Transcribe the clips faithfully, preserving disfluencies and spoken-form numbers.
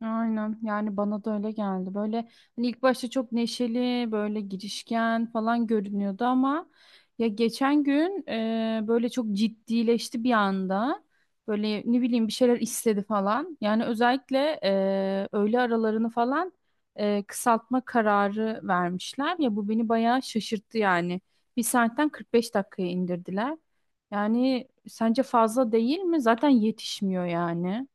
Aynen yani bana da öyle geldi. Böyle hani ilk başta çok neşeli, böyle girişken falan görünüyordu ama ya geçen gün e, böyle çok ciddileşti bir anda. Böyle ne bileyim bir şeyler istedi falan. Yani özellikle e, öğle aralarını falan e, kısaltma kararı vermişler. Ya bu beni bayağı şaşırttı yani. Bir saatten kırk beş dakikaya indirdiler. Yani sence fazla değil mi? Zaten yetişmiyor yani.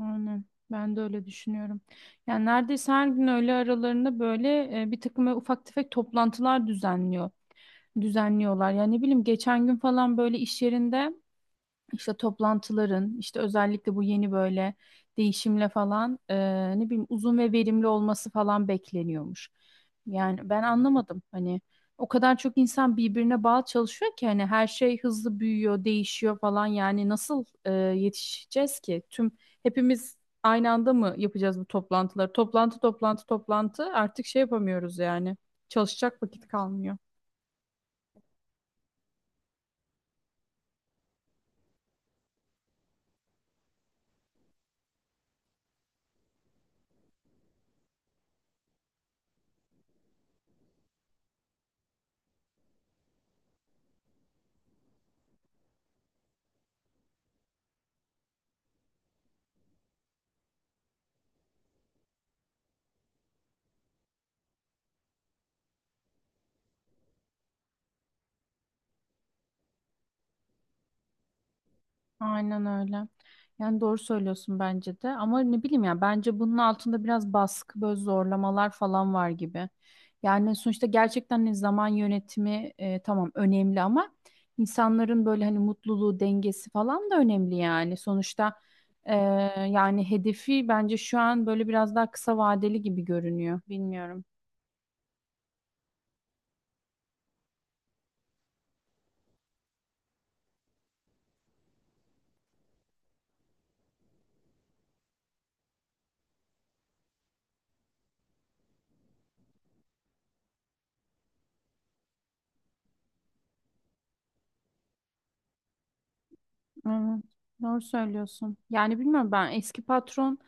Aynen. Ben de öyle düşünüyorum. Yani neredeyse her gün öğle aralarında böyle e, bir takım böyle ufak tefek toplantılar düzenliyor. Düzenliyorlar. Yani ne bileyim geçen gün falan böyle iş yerinde işte toplantıların işte özellikle bu yeni böyle değişimle falan e, ne bileyim uzun ve verimli olması falan bekleniyormuş. Yani ben anlamadım hani o kadar çok insan birbirine bağlı çalışıyor ki hani her şey hızlı büyüyor, değişiyor falan yani nasıl e, yetişeceğiz ki? Tüm hepimiz aynı anda mı yapacağız bu toplantıları? Toplantı toplantı toplantı artık şey yapamıyoruz yani. Çalışacak vakit kalmıyor. Aynen öyle. Yani doğru söylüyorsun bence de. Ama ne bileyim ya bence bunun altında biraz baskı, böyle zorlamalar falan var gibi. Yani sonuçta gerçekten hani zaman yönetimi e, tamam önemli ama insanların böyle hani mutluluğu, dengesi falan da önemli yani. Sonuçta e, yani hedefi bence şu an böyle biraz daha kısa vadeli gibi görünüyor. Bilmiyorum. Evet, doğru söylüyorsun. Yani bilmiyorum ben eski patron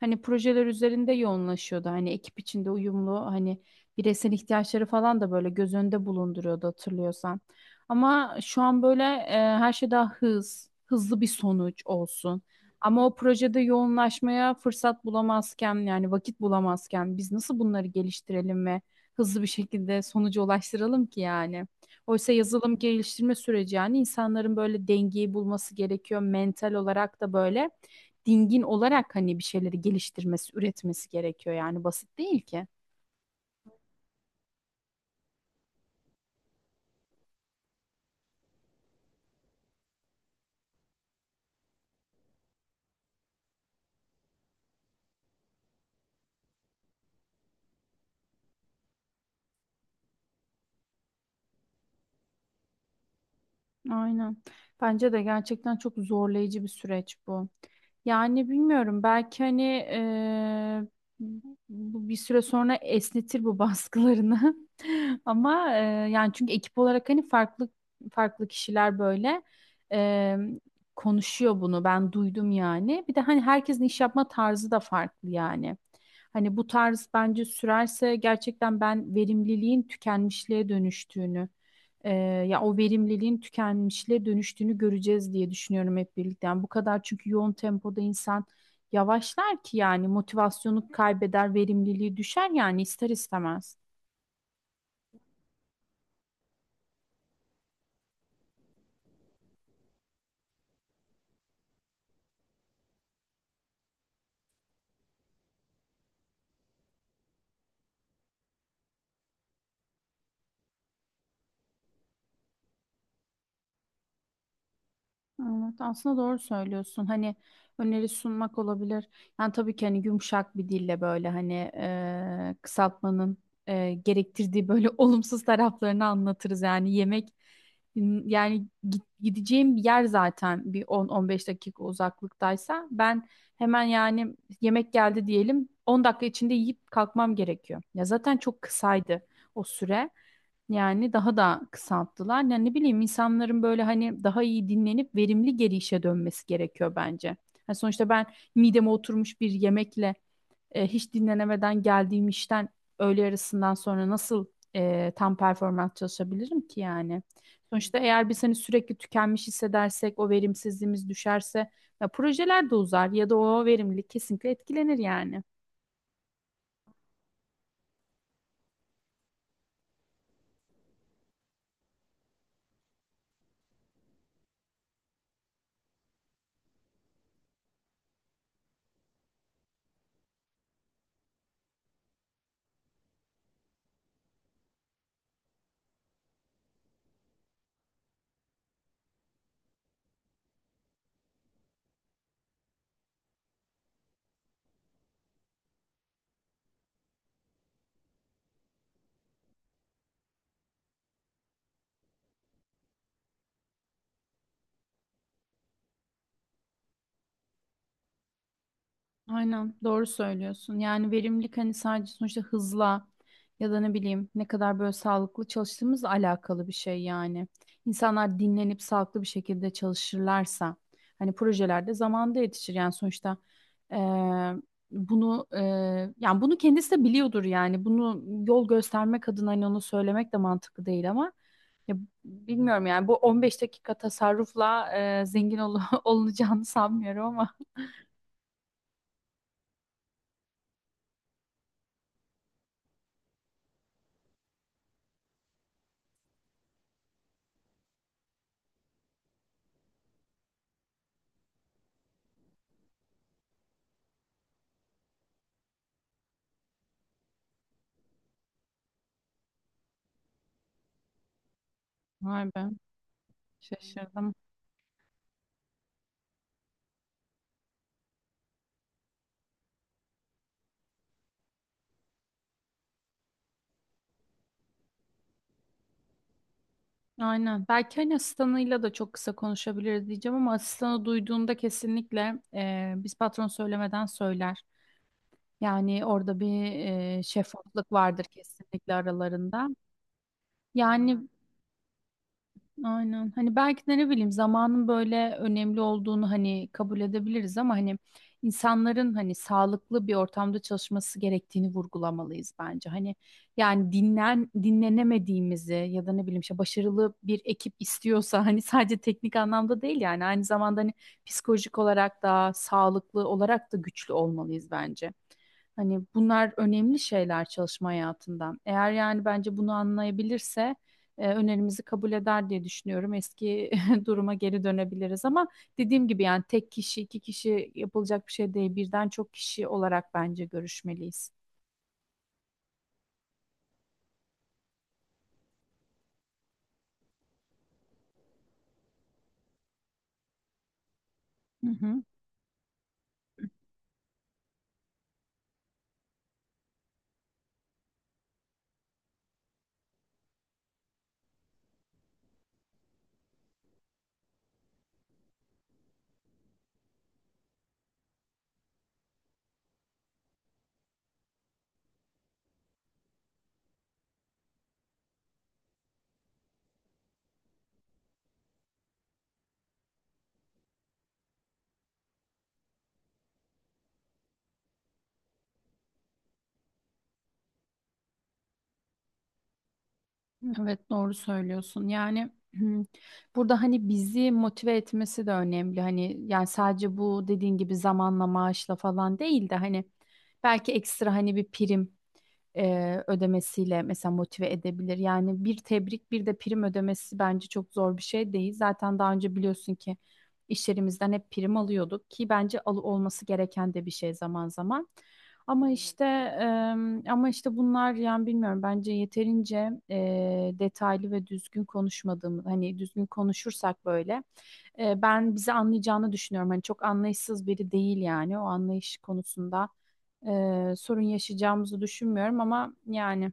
hani projeler üzerinde yoğunlaşıyordu. Hani ekip içinde uyumlu hani bireysel ihtiyaçları falan da böyle göz önünde bulunduruyordu hatırlıyorsan. Ama şu an böyle e, her şey daha hız, hızlı bir sonuç olsun. Ama o projede yoğunlaşmaya fırsat bulamazken yani vakit bulamazken biz nasıl bunları geliştirelim ve hızlı bir şekilde sonuca ulaştıralım ki yani? Oysa yazılım geliştirme süreci yani insanların böyle dengeyi bulması gerekiyor. Mental olarak da böyle dingin olarak hani bir şeyleri geliştirmesi, üretmesi gerekiyor. Yani basit değil ki. Aynen. Bence de gerçekten çok zorlayıcı bir süreç bu. Yani bilmiyorum belki hani eee, bu bir süre sonra esnetir bu baskılarını. Ama eee, yani çünkü ekip olarak hani farklı farklı kişiler böyle eee, konuşuyor bunu. Ben duydum yani. Bir de hani herkesin iş yapma tarzı da farklı yani. Hani bu tarz bence sürerse gerçekten ben verimliliğin tükenmişliğe dönüştüğünü e, ya o verimliliğin tükenmişliğe dönüştüğünü göreceğiz diye düşünüyorum hep birlikte. Yani bu kadar çünkü yoğun tempoda insan yavaşlar ki yani motivasyonu kaybeder, verimliliği düşer yani ister istemez. Evet, aslında doğru söylüyorsun. Hani öneri sunmak olabilir. Yani tabii ki hani yumuşak bir dille böyle hani e, kısaltmanın e, gerektirdiği böyle olumsuz taraflarını anlatırız. Yani yemek yani gi- gideceğim bir yer zaten bir on on beş dakika uzaklıktaysa ben hemen yani yemek geldi diyelim on dakika içinde yiyip kalkmam gerekiyor. Ya zaten çok kısaydı o süre. Yani daha da kısalttılar. Yani ne bileyim insanların böyle hani daha iyi dinlenip verimli geri işe dönmesi gerekiyor bence. Yani sonuçta ben mideme oturmuş bir yemekle e, hiç dinlenemeden geldiğim işten öğle arasından sonra nasıl e, tam performans çalışabilirim ki yani? Sonuçta eğer biz hani sürekli tükenmiş hissedersek o verimsizliğimiz düşerse ya projeler de uzar ya da o verimlilik kesinlikle etkilenir yani. Aynen doğru söylüyorsun. Yani verimlilik hani sadece sonuçta hızla ya da ne bileyim ne kadar böyle sağlıklı çalıştığımızla alakalı bir şey yani. İnsanlar dinlenip sağlıklı bir şekilde çalışırlarsa hani projelerde zamanda yetişir yani sonuçta eee, bunu eee, yani bunu kendisi de biliyordur yani bunu yol göstermek adına hani onu söylemek de mantıklı değil ama ya bilmiyorum yani bu on beş dakika tasarrufla eee, zengin ol olunacağını sanmıyorum ama. Vay be şaşırdım. Aynen. Belki hani asistanıyla da çok kısa konuşabiliriz diyeceğim ama asistanı duyduğunda kesinlikle e, biz patron söylemeden söyler. Yani orada bir e, şeffaflık vardır kesinlikle aralarında. Yani aynen. Hani belki de ne bileyim zamanın böyle önemli olduğunu hani kabul edebiliriz ama hani insanların hani sağlıklı bir ortamda çalışması gerektiğini vurgulamalıyız bence. Hani yani dinlen dinlenemediğimizi ya da ne bileyim işte başarılı bir ekip istiyorsa hani sadece teknik anlamda değil yani aynı zamanda hani psikolojik olarak da sağlıklı olarak da güçlü olmalıyız bence. Hani bunlar önemli şeyler çalışma hayatından. Eğer yani bence bunu anlayabilirse e, önerimizi kabul eder diye düşünüyorum. Eski duruma geri dönebiliriz ama dediğim gibi yani tek kişi, iki kişi yapılacak bir şey değil. Birden çok kişi olarak bence görüşmeliyiz. Hı hı. Evet, doğru söylüyorsun. Yani hmm, burada hani bizi motive etmesi de önemli. Hani yani sadece bu dediğin gibi zamanla maaşla falan değil de hani belki ekstra hani bir prim e, ödemesiyle mesela motive edebilir. Yani bir tebrik bir de prim ödemesi bence çok zor bir şey değil. Zaten daha önce biliyorsun ki işlerimizden hep prim alıyorduk ki bence al olması gereken de bir şey zaman zaman. Ama işte em, ama işte bunlar yani bilmiyorum bence yeterince e, detaylı ve düzgün konuşmadığımı hani düzgün konuşursak böyle e, ben bizi anlayacağını düşünüyorum. Hani çok anlayışsız biri değil yani o anlayış konusunda e, sorun yaşayacağımızı düşünmüyorum ama yani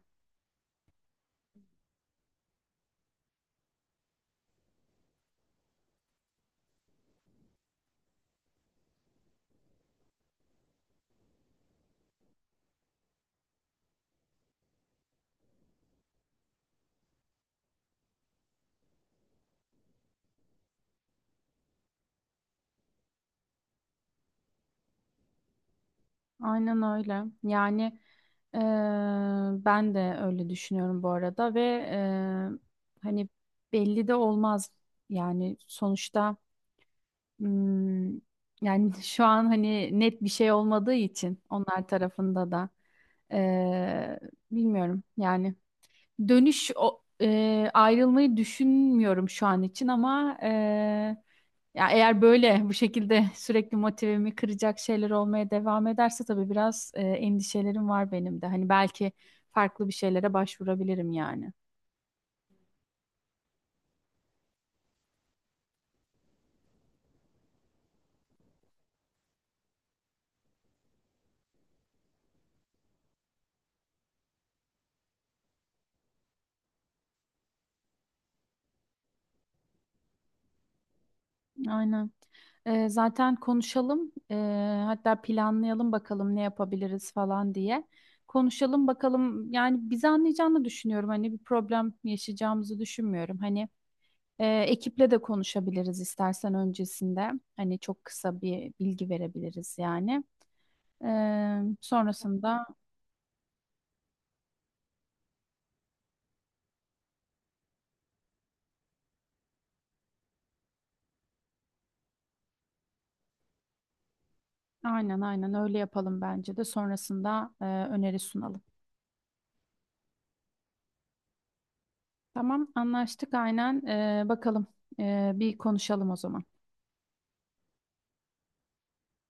aynen öyle. Yani e, ben de öyle düşünüyorum bu arada ve e, hani belli de olmaz yani sonuçta. Hmm, yani şu an hani net bir şey olmadığı için onlar tarafında da eee, bilmiyorum yani dönüş o, eee, ayrılmayı düşünmüyorum şu an için ama eee, ya eğer böyle bu şekilde sürekli motivemi kıracak şeyler olmaya devam ederse tabii biraz eee, endişelerim var benim de hani belki farklı bir şeylere başvurabilirim yani. Aynen. Ee, zaten konuşalım. Ee, hatta planlayalım bakalım ne yapabiliriz falan diye. Konuşalım bakalım. Yani bizi anlayacağını düşünüyorum. Hani bir problem yaşayacağımızı düşünmüyorum. Hani e, ekiple de konuşabiliriz istersen öncesinde. Hani çok kısa bir bilgi verebiliriz yani. Ee, sonrasında aynen aynen öyle yapalım bence de. Sonrasında e, öneri sunalım. Tamam anlaştık aynen. Ee, bakalım. Ee, bir konuşalım o zaman.